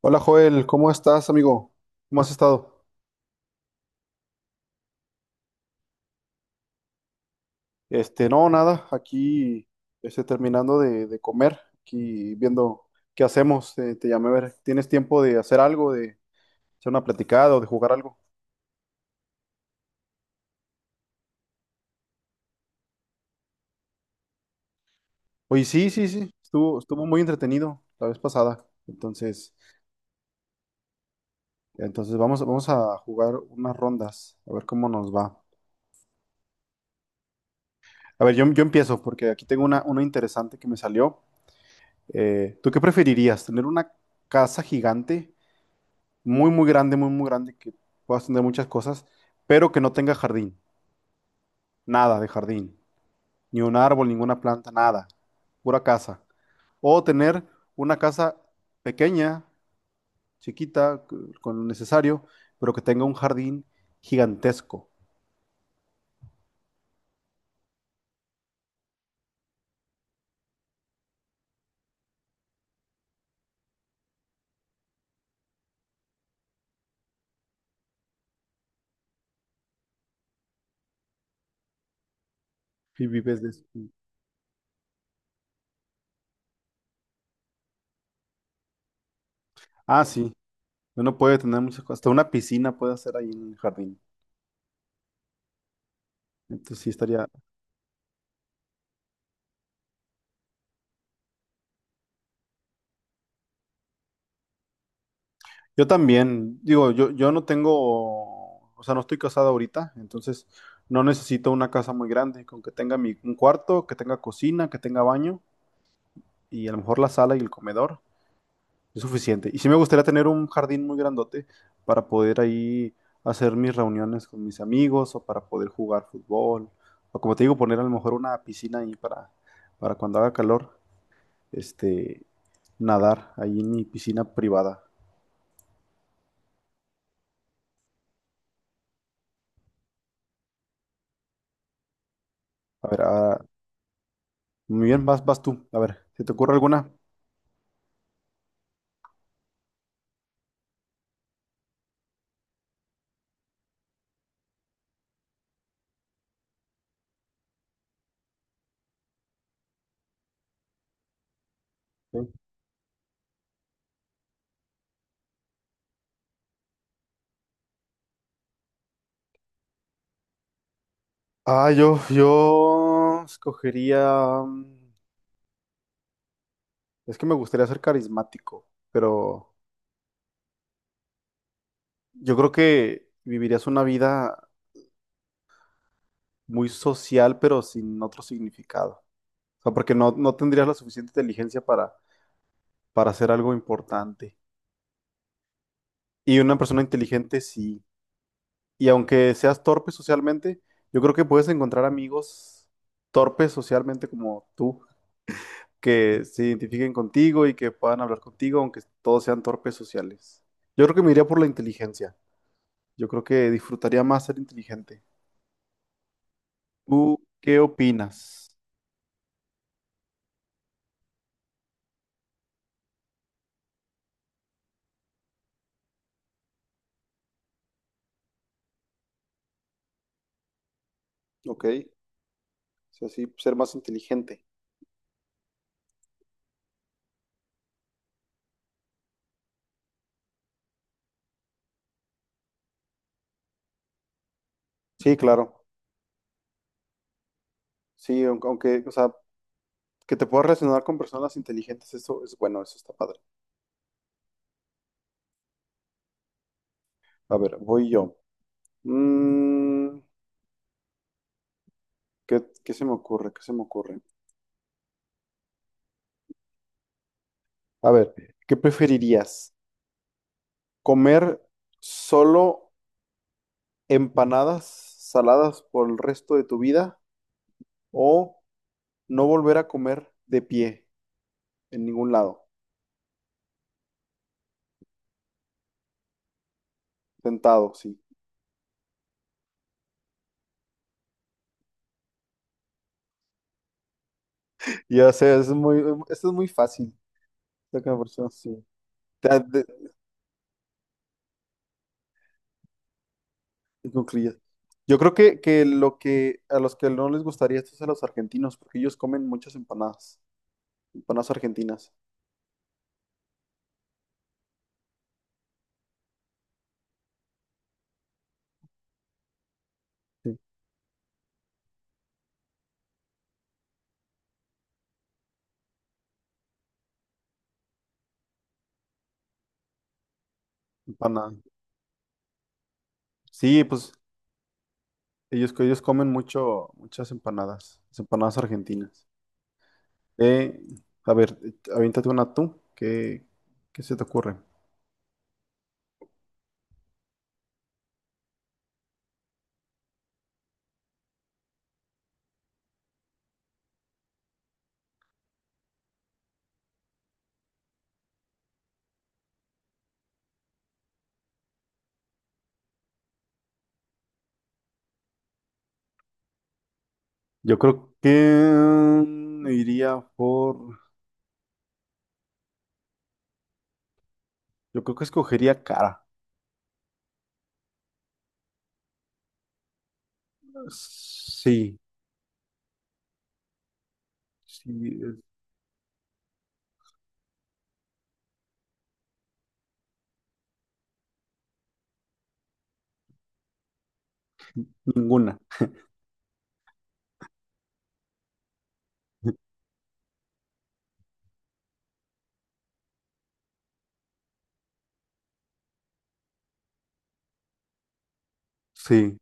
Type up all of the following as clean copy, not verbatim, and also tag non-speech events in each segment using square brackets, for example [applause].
Hola Joel, ¿cómo estás, amigo? ¿Cómo has estado? Este, no, nada, aquí terminando de comer, aquí viendo qué hacemos. Te llamé a ver, ¿tienes tiempo de hacer algo, de hacer una platicada o de jugar algo? Oye, sí, sí, sí, estuvo muy entretenido la vez pasada. Entonces vamos a jugar unas rondas, a ver cómo nos va. A ver, yo empiezo porque aquí tengo una interesante que me salió. ¿Tú qué preferirías? ¿Tener una casa gigante, muy grande, muy grande, que puedas tener muchas cosas, pero que no tenga jardín, nada de jardín, ni un árbol, ninguna planta, nada, pura casa? O tener una casa pequeña, chiquita, con lo necesario, pero que tenga un jardín gigantesco. Y vives de eso. Ah, sí, uno puede tener muchas cosas, hasta una piscina puede hacer ahí en el jardín. Entonces sí estaría. Yo también, digo, yo no tengo, o sea, no estoy casado ahorita, entonces no necesito una casa muy grande, con que tenga mi, un cuarto, que tenga cocina, que tenga baño y a lo mejor la sala y el comedor es suficiente. Y sí me gustaría tener un jardín muy grandote para poder ahí hacer mis reuniones con mis amigos o para poder jugar fútbol o como te digo, poner a lo mejor una piscina ahí para cuando haga calor, este, nadar ahí en mi piscina privada. A ver, a- Muy bien, vas tú. A ver, ¿se te ocurre alguna? Sí. Ah, yo escogería. Es que me gustaría ser carismático, pero yo creo que vivirías una vida muy social, pero sin otro significado. O sea, porque no tendrías la suficiente inteligencia para hacer algo importante. Y una persona inteligente sí. Y aunque seas torpe socialmente, yo creo que puedes encontrar amigos torpes socialmente como tú, que se identifiquen contigo y que puedan hablar contigo, aunque todos sean torpes sociales. Yo creo que me iría por la inteligencia. Yo creo que disfrutaría más ser inteligente. ¿Tú qué opinas? Ok, o sea, sí, ser más inteligente. Sí, claro. Sí, aunque, o sea, que te puedas relacionar con personas inteligentes, eso es bueno, eso está padre. A ver, voy yo. Mm, qué se me ocurre? ¿Qué se me ocurre? A ver, ¿qué preferirías? ¿Comer solo empanadas saladas por el resto de tu vida o no volver a comer de pie en ningún lado, sentado, sí? Ya sé, es muy, esto es muy fácil. Saca la conversación, sí. Te- te- Te concluyes. Yo creo que lo que a los que no les gustaría esto es a los argentinos, porque ellos comen muchas empanadas, empanadas argentinas. Sí. Empanadas. Sí, pues ellos comen mucho, muchas empanadas, las empanadas argentinas. Eh, a ver, aviéntate una tú. Qué se te ocurre? Yo creo que iría por. Yo creo que escogería cara. Sí, sí, eh, ninguna. [laughs] Sí,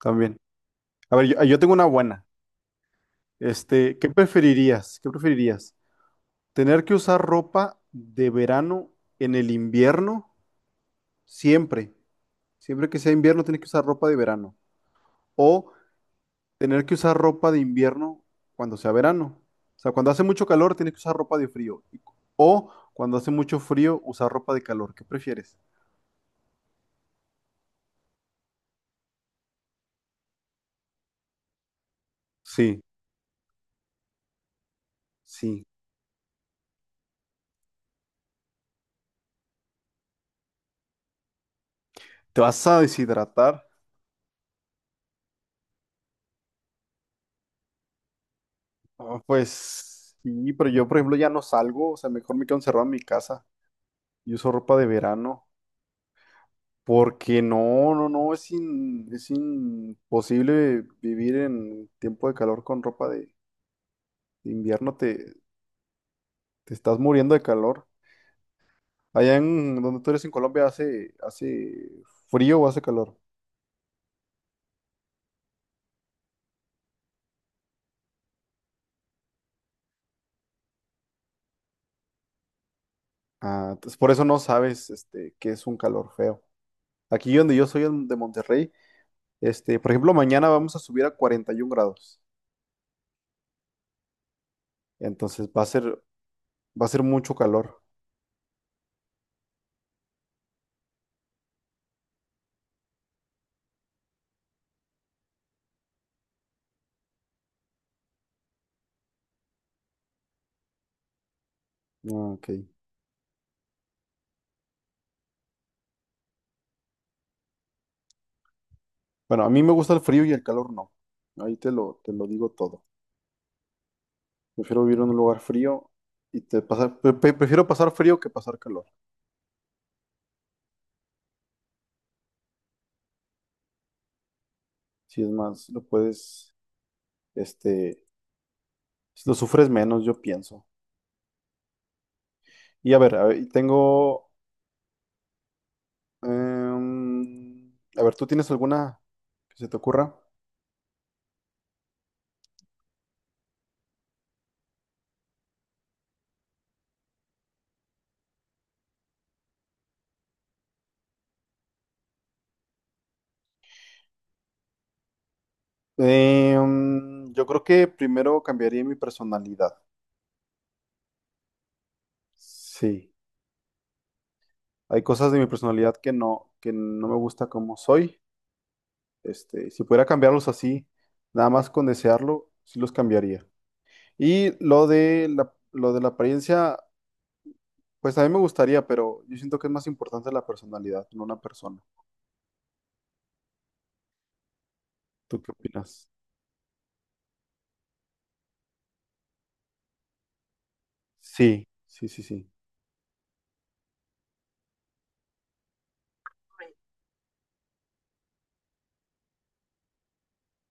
también. A ver, yo tengo una buena. Este, ¿qué preferirías? ¿Qué preferirías? ¿Tener que usar ropa de verano en el invierno? Siempre. Siempre que sea invierno, tienes que usar ropa de verano. O tener que usar ropa de invierno cuando sea verano. O sea, cuando hace mucho calor, tienes que usar ropa de frío. O cuando hace mucho frío, usar ropa de calor. ¿Qué prefieres? Sí, sí. ¿Te vas a deshidratar? Ah, pues sí, pero yo, por ejemplo, ya no salgo. O sea, mejor me quedo encerrado en mi casa y uso ropa de verano. Porque no, es, es imposible vivir en tiempo de calor con ropa de invierno. Te estás muriendo de calor. Allá en donde tú eres en Colombia hace frío o hace calor. Ah, entonces por eso no sabes este, qué es un calor feo. Aquí donde yo soy de Monterrey, este, por ejemplo, mañana vamos a subir a 41 grados. Entonces va a ser mucho calor. Ah, ok. Bueno, a mí me gusta el frío y el calor no. Ahí te lo digo todo. Prefiero vivir en un lugar frío y te pasar, pre- pre- prefiero pasar frío que pasar calor. Si es más, lo puedes, este, si lo sufres menos, yo pienso. Y a ver, tengo... em, a ver, ¿tú tienes alguna que se te ocurra? Em, yo creo que primero cambiaría mi personalidad. Sí, hay cosas de mi personalidad que no me gusta como soy. Este, si pudiera cambiarlos así, nada más con desearlo, sí los cambiaría. Y lo de la apariencia, pues a mí me gustaría, pero yo siento que es más importante la personalidad, no una persona. ¿Tú qué opinas? Sí, sí, sí, sí,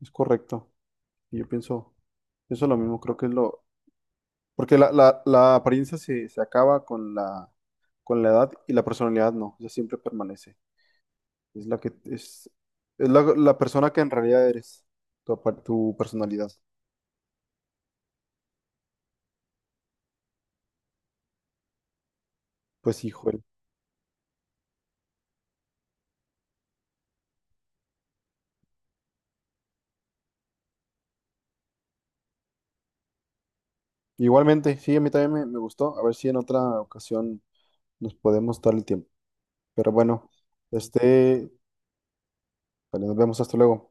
es correcto. Y pienso lo mismo, creo que es lo... Porque la apariencia se acaba con la edad y la personalidad no, ya siempre permanece. Es la que es la persona que en realidad eres, tu personalidad. Pues hijo igualmente, sí, a mí también me gustó. A ver si en otra ocasión nos podemos dar el tiempo. Pero bueno, este, vale, nos vemos, hasta luego.